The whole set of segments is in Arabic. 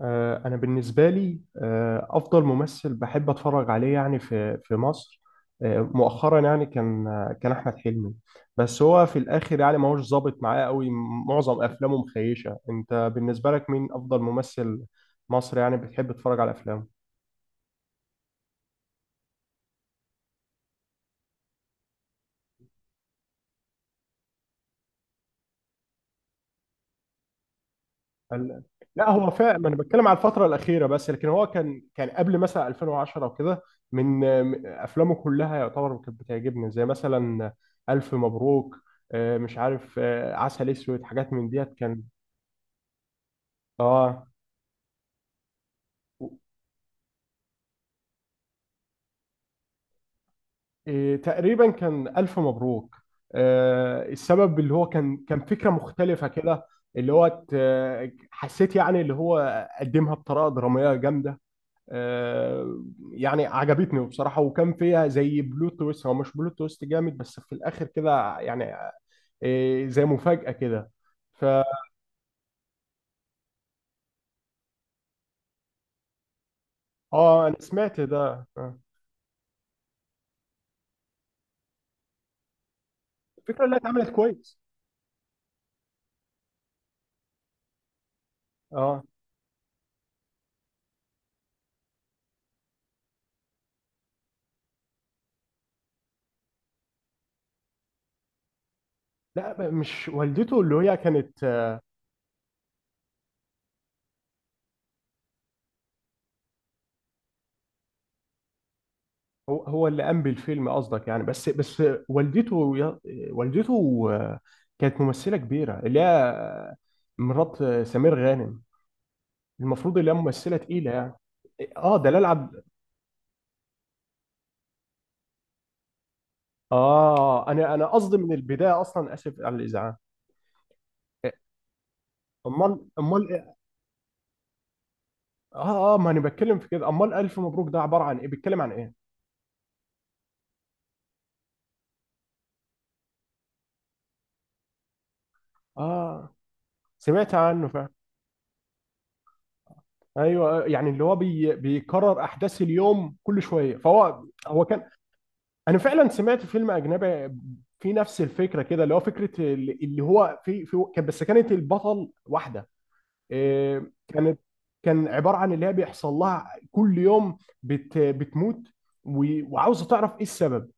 أنا بالنسبة لي أفضل ممثل بحب أتفرج عليه يعني في مصر. مؤخرا يعني كان كان أحمد حلمي. بس هو في الآخر يعني ما هوش ظابط معاه قوي. معظم أفلامه مخيشة. أنت بالنسبة لك مين أفضل ممثل مصري يعني بتحب تتفرج على أفلامه؟ ال- لا، هو فعلا ما انا بتكلم على الفتره الاخيره، بس لكن هو كان قبل مثلا 2010 وكده. من من افلامه كلها يعتبر كانت بتعجبني، زي مثلا الف مبروك. مش عارف، عسل اسود، حاجات من ديت كان. اه و- تقريبا كان الف مبروك. السبب اللي هو كان فكره مختلفه كده. اللي هو حسيت يعني اللي هو قدمها بطريقه دراميه جامده. آه، يعني عجبتني بصراحة. وكان فيها زي بلوت تويست، هو مش بلوت تويست جامد بس في الآخر كده يعني. زي مفاجأة كده. فا اه، أنا سمعت ده. الفكرة اللي اتعملت كويس. اه لا. مش والدته، اللي هي كانت هو اللي قام بالفيلم قصدك يعني. بس والدته والدته كانت ممثلة كبيرة، اللي هي مرات سمير غانم. المفروض اللي هي ممثلة تقيلة يعني. اه، دلال عبد. اه انا قصدي من البدايه اصلا اسف على الازعاج. إيه، امال، ايه؟ اه ما انا بتكلم في كده. امال الف مبروك ده عباره عن ايه، بيتكلم عن ايه؟ اه، سمعت عنه فعلا. ايوه، يعني اللي هو بيكرر احداث اليوم كل شويه، فهو هو كان. انا فعلا سمعت فيلم اجنبي في نفس الفكره كده، اللي هو فكره اللي هو بس كانت البطل واحده. كانت. كان عباره عن اللي هي بيحصل لها كل يوم بتموت. وعاوزه تعرف ايه السبب.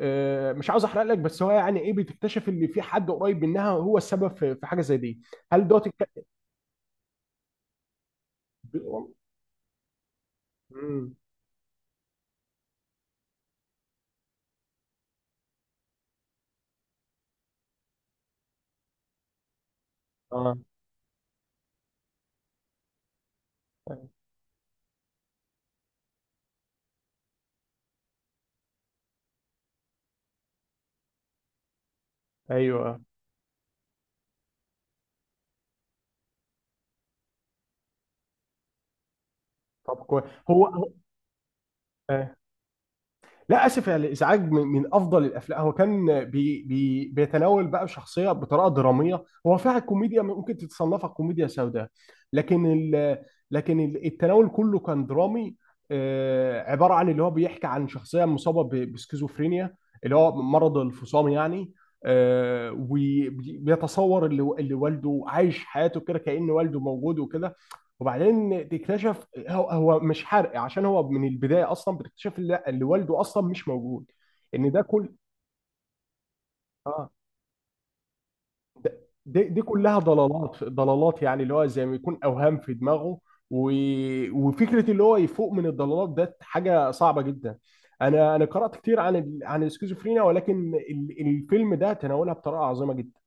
مش عاوز احرق لك، بس هو يعني ايه، بتكتشف ان في حد قريب منها هو السبب في حاجه زي دي. هل دوت الك... ب- مم. اه، ايوه. طب، كويس. هو هو- آه. لا، اسف يا الازعاج من افضل الافلام. هو كان بي بي بيتناول بقى شخصيه بطريقه دراميه، هو فيها كوميديا ممكن تتصنفها كوميديا سوداء. لكن ال التناول كله كان درامي. عباره عن اللي هو بيحكي عن شخصيه مصابه بسكيزوفرينيا، اللي هو مرض الفصام يعني. وبيتصور اللي والده عايش حياته كده كأن والده موجود وكده. وبعدين تكتشف، هو مش حرق، عشان هو من البدايه اصلا بتكتشف اللي والده اصلا مش موجود. ان ده كل اه ده دي كلها ضلالات يعني، اللي هو زي ما يكون اوهام في دماغه. و... وفكره اللي هو يفوق من الضلالات ده حاجه صعبه جدا. انا قرات كتير عن السكيزوفرينيا، ولكن الفيلم ده تناولها بطريقه عظيمه جدا.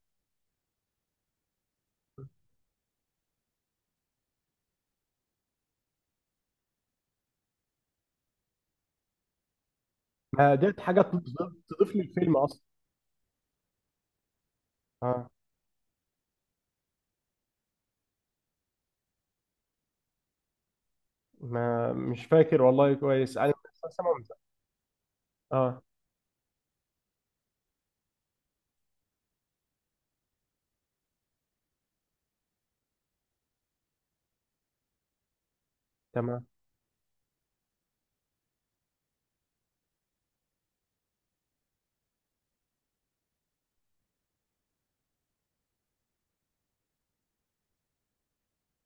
ما ديت حاجه تضيف للفيلم اصلا. اه. ما مش فاكر والله كويس انا. سامع. اه، تمام.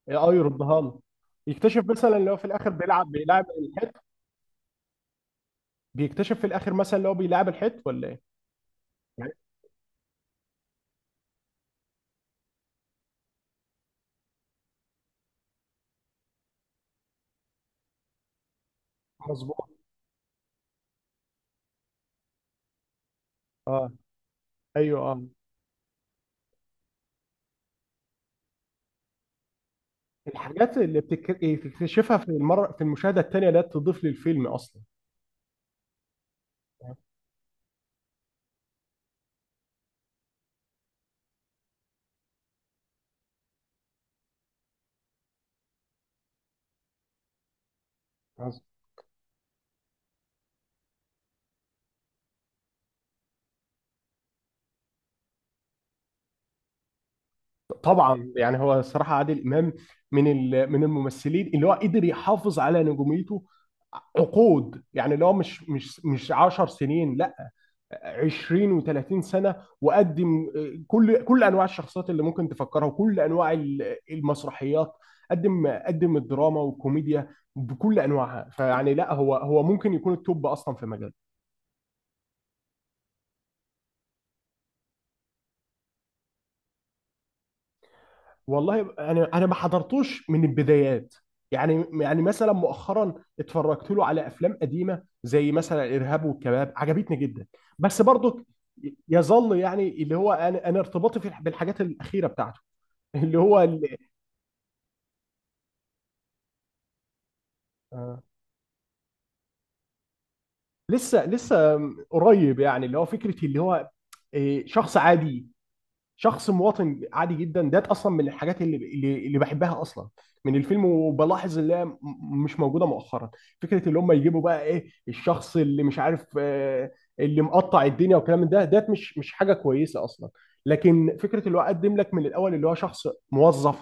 اه، يردها له. يكتشف مثلا اللي هو في الاخر بيلعب الحيت. بيكتشف في الاخر مثلا اللي هو بيلعب الحيت ولا ايه؟ يعني، مظبوط. اه، ايوه، اه. الحاجات اللي بتكتشفها في المره، في المشاهده الثانيه، ده تضيف للفيلم اصلا. مظبوط. طبعا، يعني هو صراحه عادل امام من الممثلين اللي هو قدر يحافظ على نجوميته عقود، يعني اللي هو مش 10 سنين، لا، 20 و30 سنه. وقدم كل انواع الشخصيات اللي ممكن تفكرها، وكل انواع المسرحيات. قدم الدراما والكوميديا بكل انواعها. فيعني لا، هو ممكن يكون التوب اصلا في مجاله. والله انا ما حضرتوش من البدايات. يعني مثلا مؤخرا اتفرجت له على افلام قديمه زي مثلا الارهاب والكباب، عجبتني جدا. بس برضو يظل يعني اللي هو انا ارتباطي بالحاجات الاخيره بتاعته، اللي هو ال- لسه قريب. يعني اللي هو فكره اللي هو شخص عادي، شخص مواطن عادي جدا. ده اصلا من الحاجات اللي بحبها اصلا من الفيلم. وبلاحظ اللي هي مش موجوده مؤخرا. فكره اللي هم يجيبوا بقى ايه، الشخص اللي مش عارف، اللي مقطع الدنيا والكلام من ده مش حاجه كويسه اصلا. لكن فكره اللي هو قدم لك من الاول اللي هو شخص موظف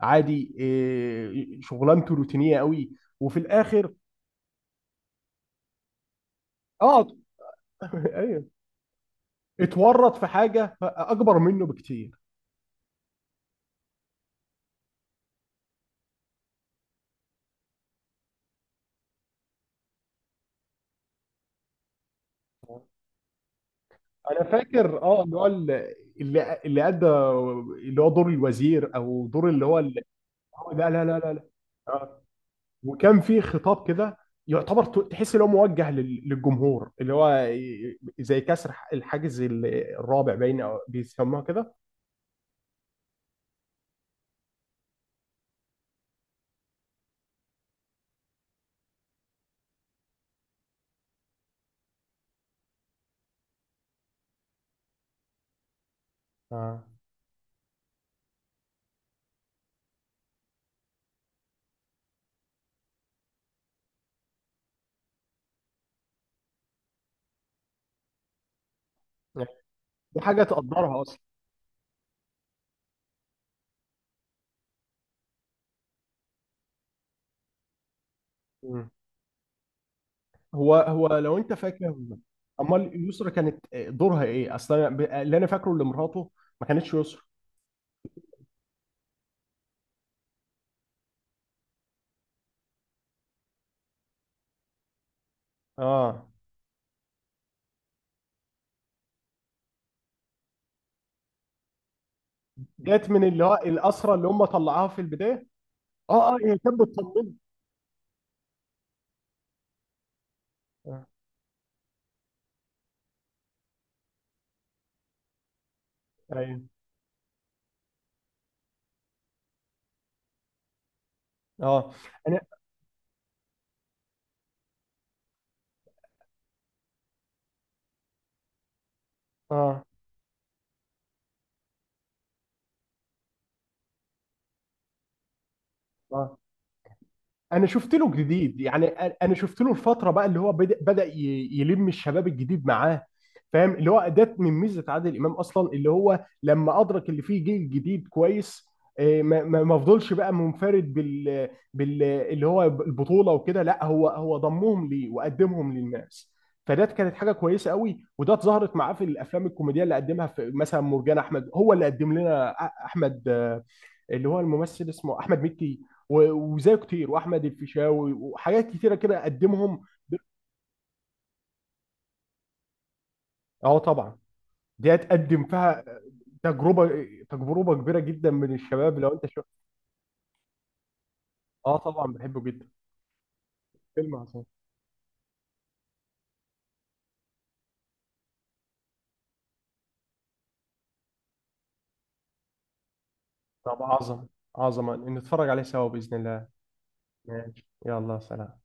عادي، شغلانته روتينيه قوي. وفي الاخر، اه. ايوه، اتورط في حاجه اكبر منه بكتير. انا فاكر، اه، اللي هو اللي ادى اللي هو دور الوزير، او دور اللي هو لا، لا، لا، لا، لا آه. وكان في خطاب كده، يعتبر تحس ان هو موجه للجمهور، اللي هو زي كسر الحاجز الرابع، باين او بيسموها كده. اه، دي حاجه تقدرها اصلا. مم. هو لو انت فاكر. امال يسرا كانت دورها ايه اصلا؟ أنا اللي انا فاكره اللي مراته ما كانتش يسرا. اه، جت من اللي هو الاسرى اللي هم طلعوها في البدايه. اه، اه، هي كانت بتطمن، آه، ايوه. اه انا اه اه انا شفت له جديد، يعني انا شفت له الفتره بقى اللي هو بدأ يلم الشباب الجديد معاه. فاهم اللي هو ده من ميزه عادل امام اصلا، اللي هو لما ادرك اللي فيه جيل جديد كويس. ما فضلش بقى منفرد بال اللي هو البطوله وكده. لا، هو ضمهم ليه وقدمهم للناس. فده كانت حاجه كويسه قوي، وده اتظهرت معاه في الافلام الكوميديه اللي قدمها في مثلا مرجان احمد. هو اللي قدم لنا احمد، اللي هو الممثل اسمه احمد مكي، وزيه كتير، واحمد الفيشاوي، وحاجات كتيره كده قدمهم. اه، طبعا. دي هتقدم فيها تجربه تجربه كبيره جدا من الشباب، لو انت شفت. اه، طبعا بحبه جدا. فيلم عظيم. طب، عظمه، عظمه، نتفرج عليه سوا باذن الله. ماشي، يلا، سلام.